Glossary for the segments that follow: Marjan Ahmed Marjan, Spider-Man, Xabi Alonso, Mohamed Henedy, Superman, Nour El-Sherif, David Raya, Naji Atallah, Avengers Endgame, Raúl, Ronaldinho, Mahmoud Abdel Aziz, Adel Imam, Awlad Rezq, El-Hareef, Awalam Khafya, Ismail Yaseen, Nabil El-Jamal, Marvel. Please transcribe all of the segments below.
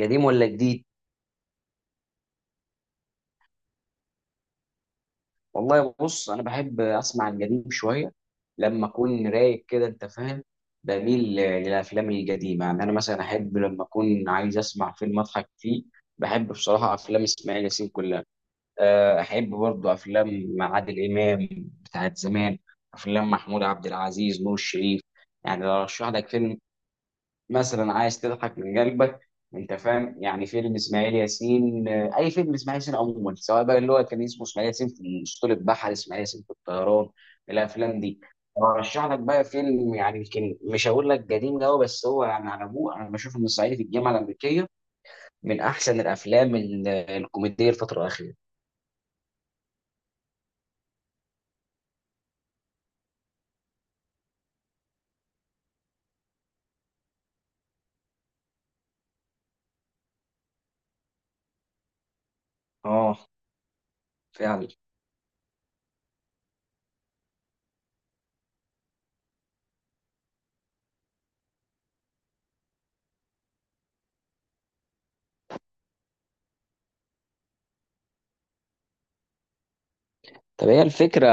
قديم ولا جديد؟ والله بص انا بحب اسمع القديم شويه لما اكون رايق كده، انت فاهم. بميل للافلام القديمه. يعني انا مثلا احب لما اكون عايز اسمع فيلم اضحك فيه، بحب بصراحه افلام اسماعيل ياسين كلها. احب برضه افلام عادل امام بتاعت زمان، افلام محمود عبد العزيز، نور الشريف. يعني لو ارشح لك فيلم مثلا عايز تضحك من قلبك، انت فاهم، يعني فيلم اسماعيل ياسين. اي فيلم اسماعيل ياسين عموما، سواء بقى اللي هو كان اسمه اسماعيل ياسين في اسطول البحر، اسماعيل ياسين في الطيران، الافلام دي. ارشح لك بقى فيلم يعني يمكن مش هقول لك قديم قوي بس هو يعني على ابوه، انا بشوف ان الصعيدي في الجامعه الامريكيه من احسن الافلام الكوميديه الفتره الاخيره. اه فعلا. طب هي الفكرة،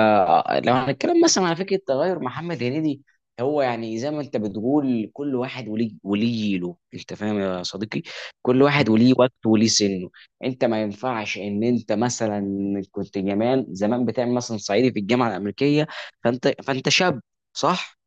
لو هنتكلم مثلا على فكرة تغير محمد هنيدي، هو يعني زي ما انت بتقول كل واحد وليه جيله، انت فاهم يا صديقي. كل واحد وليه وقته وليه سنه. انت ما ينفعش ان انت مثلا كنت زمان زمان بتعمل مثلا صعيدي في الجامعة الأمريكية، فانت شاب، صح؟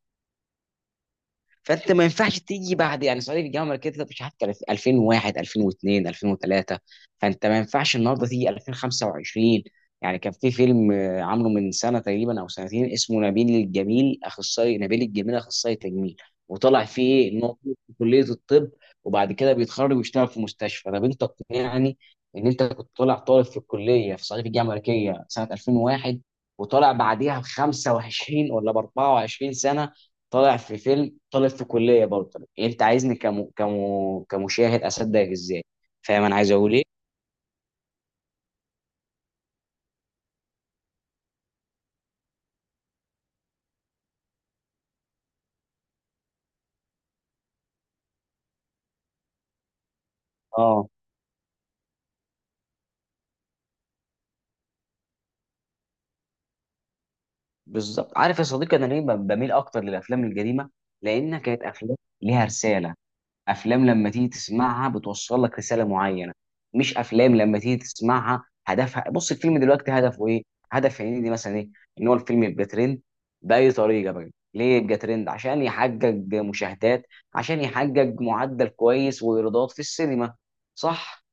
فانت ما ينفعش تيجي بعد يعني صعيدي في الجامعه الامريكيه ده مش عارف 2001 2002 2003، فانت ما ينفعش النهارده تيجي 2025. يعني كان في فيلم عامله من سنه تقريبا او سنتين اسمه نبيل الجميل اخصائي، نبيل الجميل اخصائي تجميل. وطلع فيه ايه؟ ان هو في كليه الطب وبعد كده بيتخرج ويشتغل في مستشفى. طب انت يعني ان انت كنت طالع طالب في الكليه في صعيدي في الجامعه الامريكيه سنه 2001، وطالع بعديها ب 25 ولا ب 24 سنه طالع في فيلم طالب في كليه برضه، انت عايزني كمشاهد اصدقك ازاي؟ فاهم انا عايز اقول ايه؟ اه، بالظبط. عارف يا صديقي انا ليه بميل اكتر للافلام القديمه؟ لانها كانت افلام ليها رساله. افلام لما تيجي تسمعها بتوصل لك رساله معينه، مش افلام لما تيجي تسمعها هدفها، بص الفيلم دلوقتي هدفه ايه؟ هدف هنيدي مثلا ايه؟ ان هو الفيلم يبقى ترند، باي طريقه بقى، ليه يبقى ترند؟ عشان يحقق مشاهدات، عشان يحقق معدل كويس وايرادات في السينما، صح؟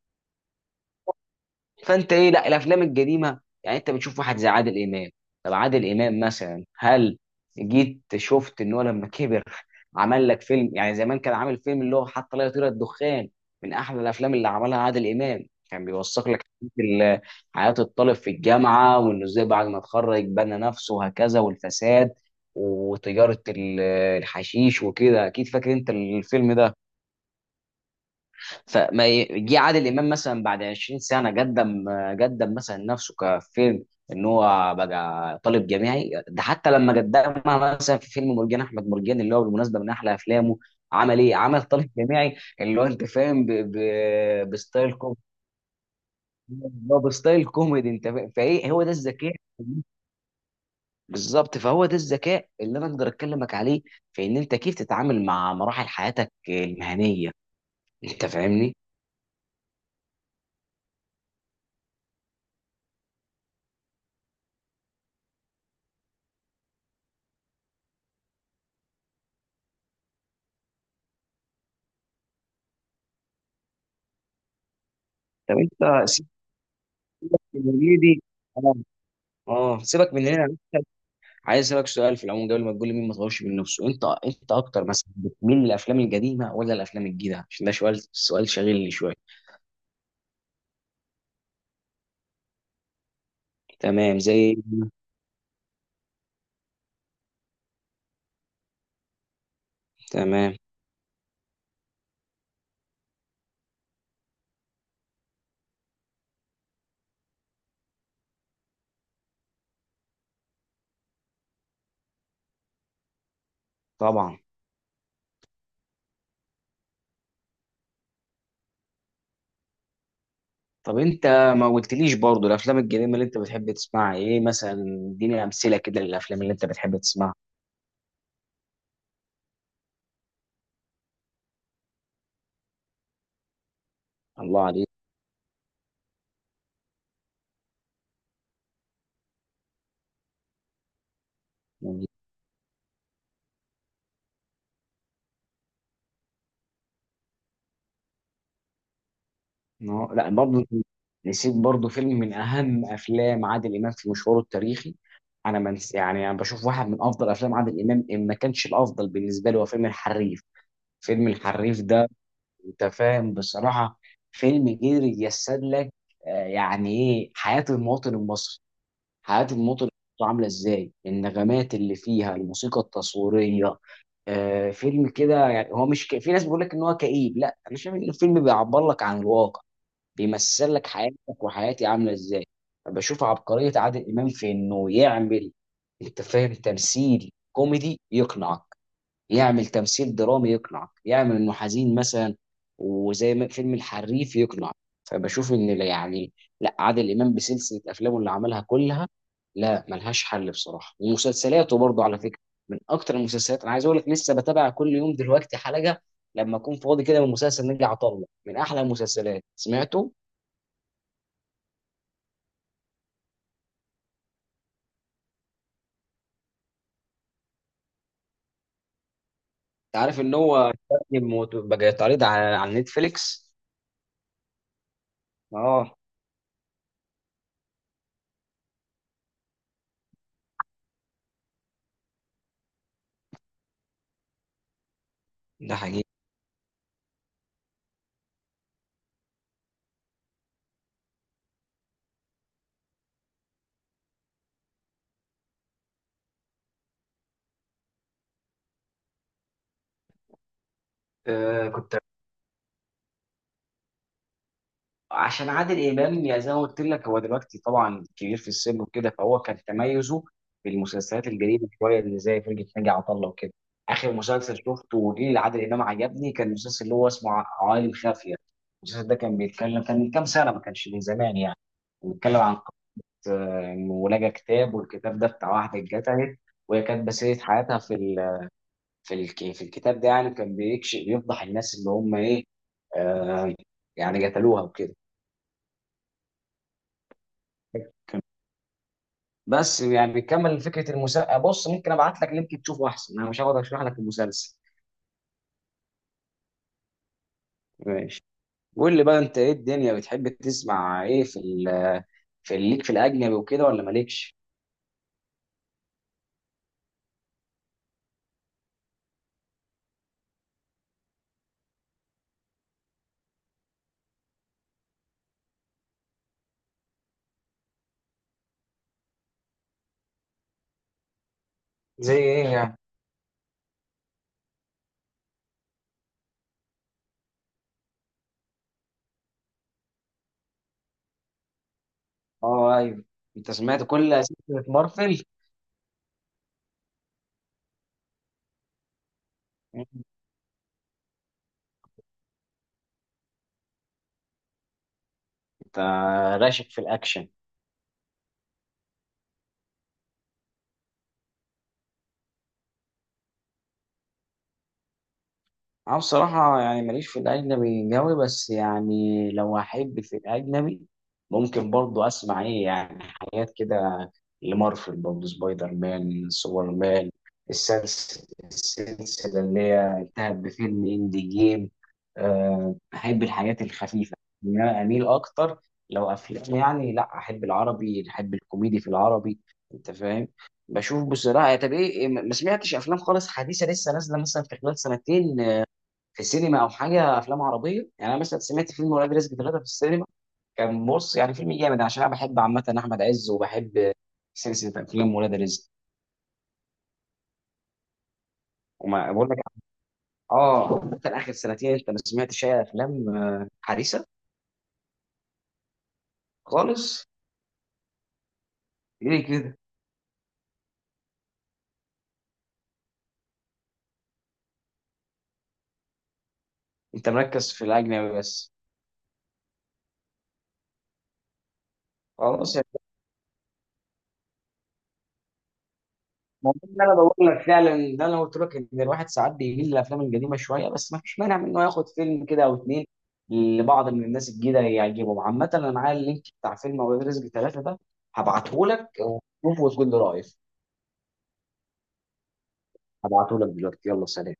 فانت ايه، لا الافلام القديمه يعني انت بتشوف واحد زي عادل امام. طب عادل امام مثلا، هل جيت شفت ان هو لما كبر عمل لك فيلم يعني زمان كان عامل فيلم اللي هو حتى لا يطير الدخان، من احلى الافلام اللي عملها عادل امام، كان بيوثق لك ال- حياه الطالب في الجامعه، وانه ازاي بعد ما اتخرج بنى نفسه وهكذا، والفساد وتجاره الحشيش وكده، اكيد فاكر انت الفيلم ده. فما جه عادل امام مثلا بعد 20 سنه قدم مثلا نفسه كفيلم ان هو بقى طالب جامعي. ده حتى لما قدمها مثلا في فيلم مرجان احمد مرجان، اللي هو بالمناسبه من احلى افلامه، عمل ايه؟ عمل طالب جامعي اللي هو، انت فاهم، بستايل كوميدي، اللي هو بستايل كوميدي، انت فاهم، فايه هو ده الذكاء. بالظبط، فهو ده الذكاء اللي انا اقدر اكلمك عليه، في ان انت كيف تتعامل مع مراحل حياتك المهنيه. انت فاهمني؟ طب انت يا زميلي، اه اه سيبك من هنا، عايز اسالك سؤال في العموم قبل ما تقول لي مين ما طورش من نفسه. انت اكتر مثلا بتميل للافلام القديمه ولا الافلام الجديده؟ عشان ده سؤال شاغلني شويه. تمام، زي. تمام، طبعا. طب انت ما قلتليش برضو الافلام القديمه اللي انت بتحب تسمعها ايه مثلا؟ اديني امثله كده للافلام اللي انت بتحب تسمعها. الله عليك. لا برضه نسيت برضه فيلم من اهم افلام عادل امام في مشواره التاريخي. انا يعني انا بشوف واحد من افضل افلام عادل امام، ان ما كانش الافضل بالنسبه لي، هو فيلم الحريف. فيلم الحريف ده انت فاهم بصراحه، فيلم قدر يجسد لك يعني ايه حياه المواطن المصري. حياه المواطن المصري عامله ازاي، النغمات اللي فيها، الموسيقى التصويريه. فيلم كده يعني، هو مش في ناس بيقول لك ان هو كئيب، لا انا شايف ان الفيلم بيعبر لك عن الواقع، بيمثل لك حياتك وحياتي عامله ازاي. بشوف عبقريه عادل امام في انه يعمل، انت فاهم، تمثيل كوميدي يقنعك، يعمل تمثيل درامي يقنعك، يعمل انه حزين مثلا وزي ما فيلم الحريف يقنعك. فبشوف ان لا يعني، لا، عادل امام بسلسله افلامه اللي عملها كلها، لا، ملهاش حل بصراحه. ومسلسلاته برضه على فكره، من اكتر المسلسلات، انا عايز اقول لك لسه بتابع كل يوم دلوقتي حلقه لما اكون فاضي كده من مسلسل نجي عطله، من احلى المسلسلات سمعته. انت عارف ان هو بقى يتعرض على نتفليكس؟ اه. ده حقيقي. آه، كنت، عشان عادل امام يا زي ما قلت لك هو دلوقتي طبعا كبير في السن وكده، فهو كان تميزه في المسلسلات الجديده شويه اللي زي فرقه ناجي عطا الله وكده. اخر مسلسل شفته وجه لعادل امام عجبني كان المسلسل اللي هو اسمه عوالم خافيه. المسلسل ده كان بيتكلم، كان من كام سنه ما كانش من زمان يعني، بيتكلم عن قصه انه لقى كتاب، والكتاب ده بتاع واحده اتقتلت، وهي كانت بسيرة حياتها في الكتاب ده، يعني كان بيكشف، بيفضح الناس اللي هم ايه، آه يعني قتلوها وكده. بس يعني بيكمل فكره المسلسل، بص ممكن ابعت لك لينك تشوفه احسن، انا مش هقعد اشرح لك المسلسل. ماشي. قول لي بقى انت ايه الدنيا، بتحب تسمع ايه في ليك، في الاجنبي وكده ولا مالكش؟ زي ايه يعني؟ اه ايوه. انت سمعت كل سلسله مارفل؟ انت راشق في الاكشن. أنا بصراحة يعني ماليش في الأجنبي قوي، بس يعني لو أحب في الأجنبي ممكن برضو أسمع إيه يعني، حاجات كده، لمارفل برضو، سبايدر مان، سوبر مان، السلسلة اللي هي انتهت بفيلم إندي جيم. أحب الحاجات الخفيفة، إن أنا أميل أكتر لو أفلام يعني، لا، أحب العربي، أحب الكوميدي في العربي. أنت فاهم، بشوف بصراحة. طب إيه إيه، ما سمعتش أفلام خالص حديثة لسه نازلة مثلا في خلال سنتين في سينما او حاجه؟ افلام عربيه يعني انا مثلا سمعت فيلم ولاد رزق 3 في السينما، كان بص يعني فيلم جامد عشان انا بحب عامه احمد عز، وبحب سلسله افلام ولاد رزق. وما بقول لك، اه، انت اخر سنتين انت ما سمعتش اي افلام حديثه خالص؟ ليه كده؟ انت مركز في الاجنبي بس؟ خلاص، ما هو ده اللي انا بقول لك، فعلا ده انا قلت لك ان الواحد ساعات بيميل للافلام القديمه شويه، بس ما فيش مانع من انه ياخد فيلم كده او اتنين لبعض من الناس الجديده يعجبهم. عامه انا معايا اللينك بتاع فيلم اولاد رزق 3 ده، هبعته لك وشوفه وتقول لي رايك. هبعته لك دلوقتي، يلا سلام.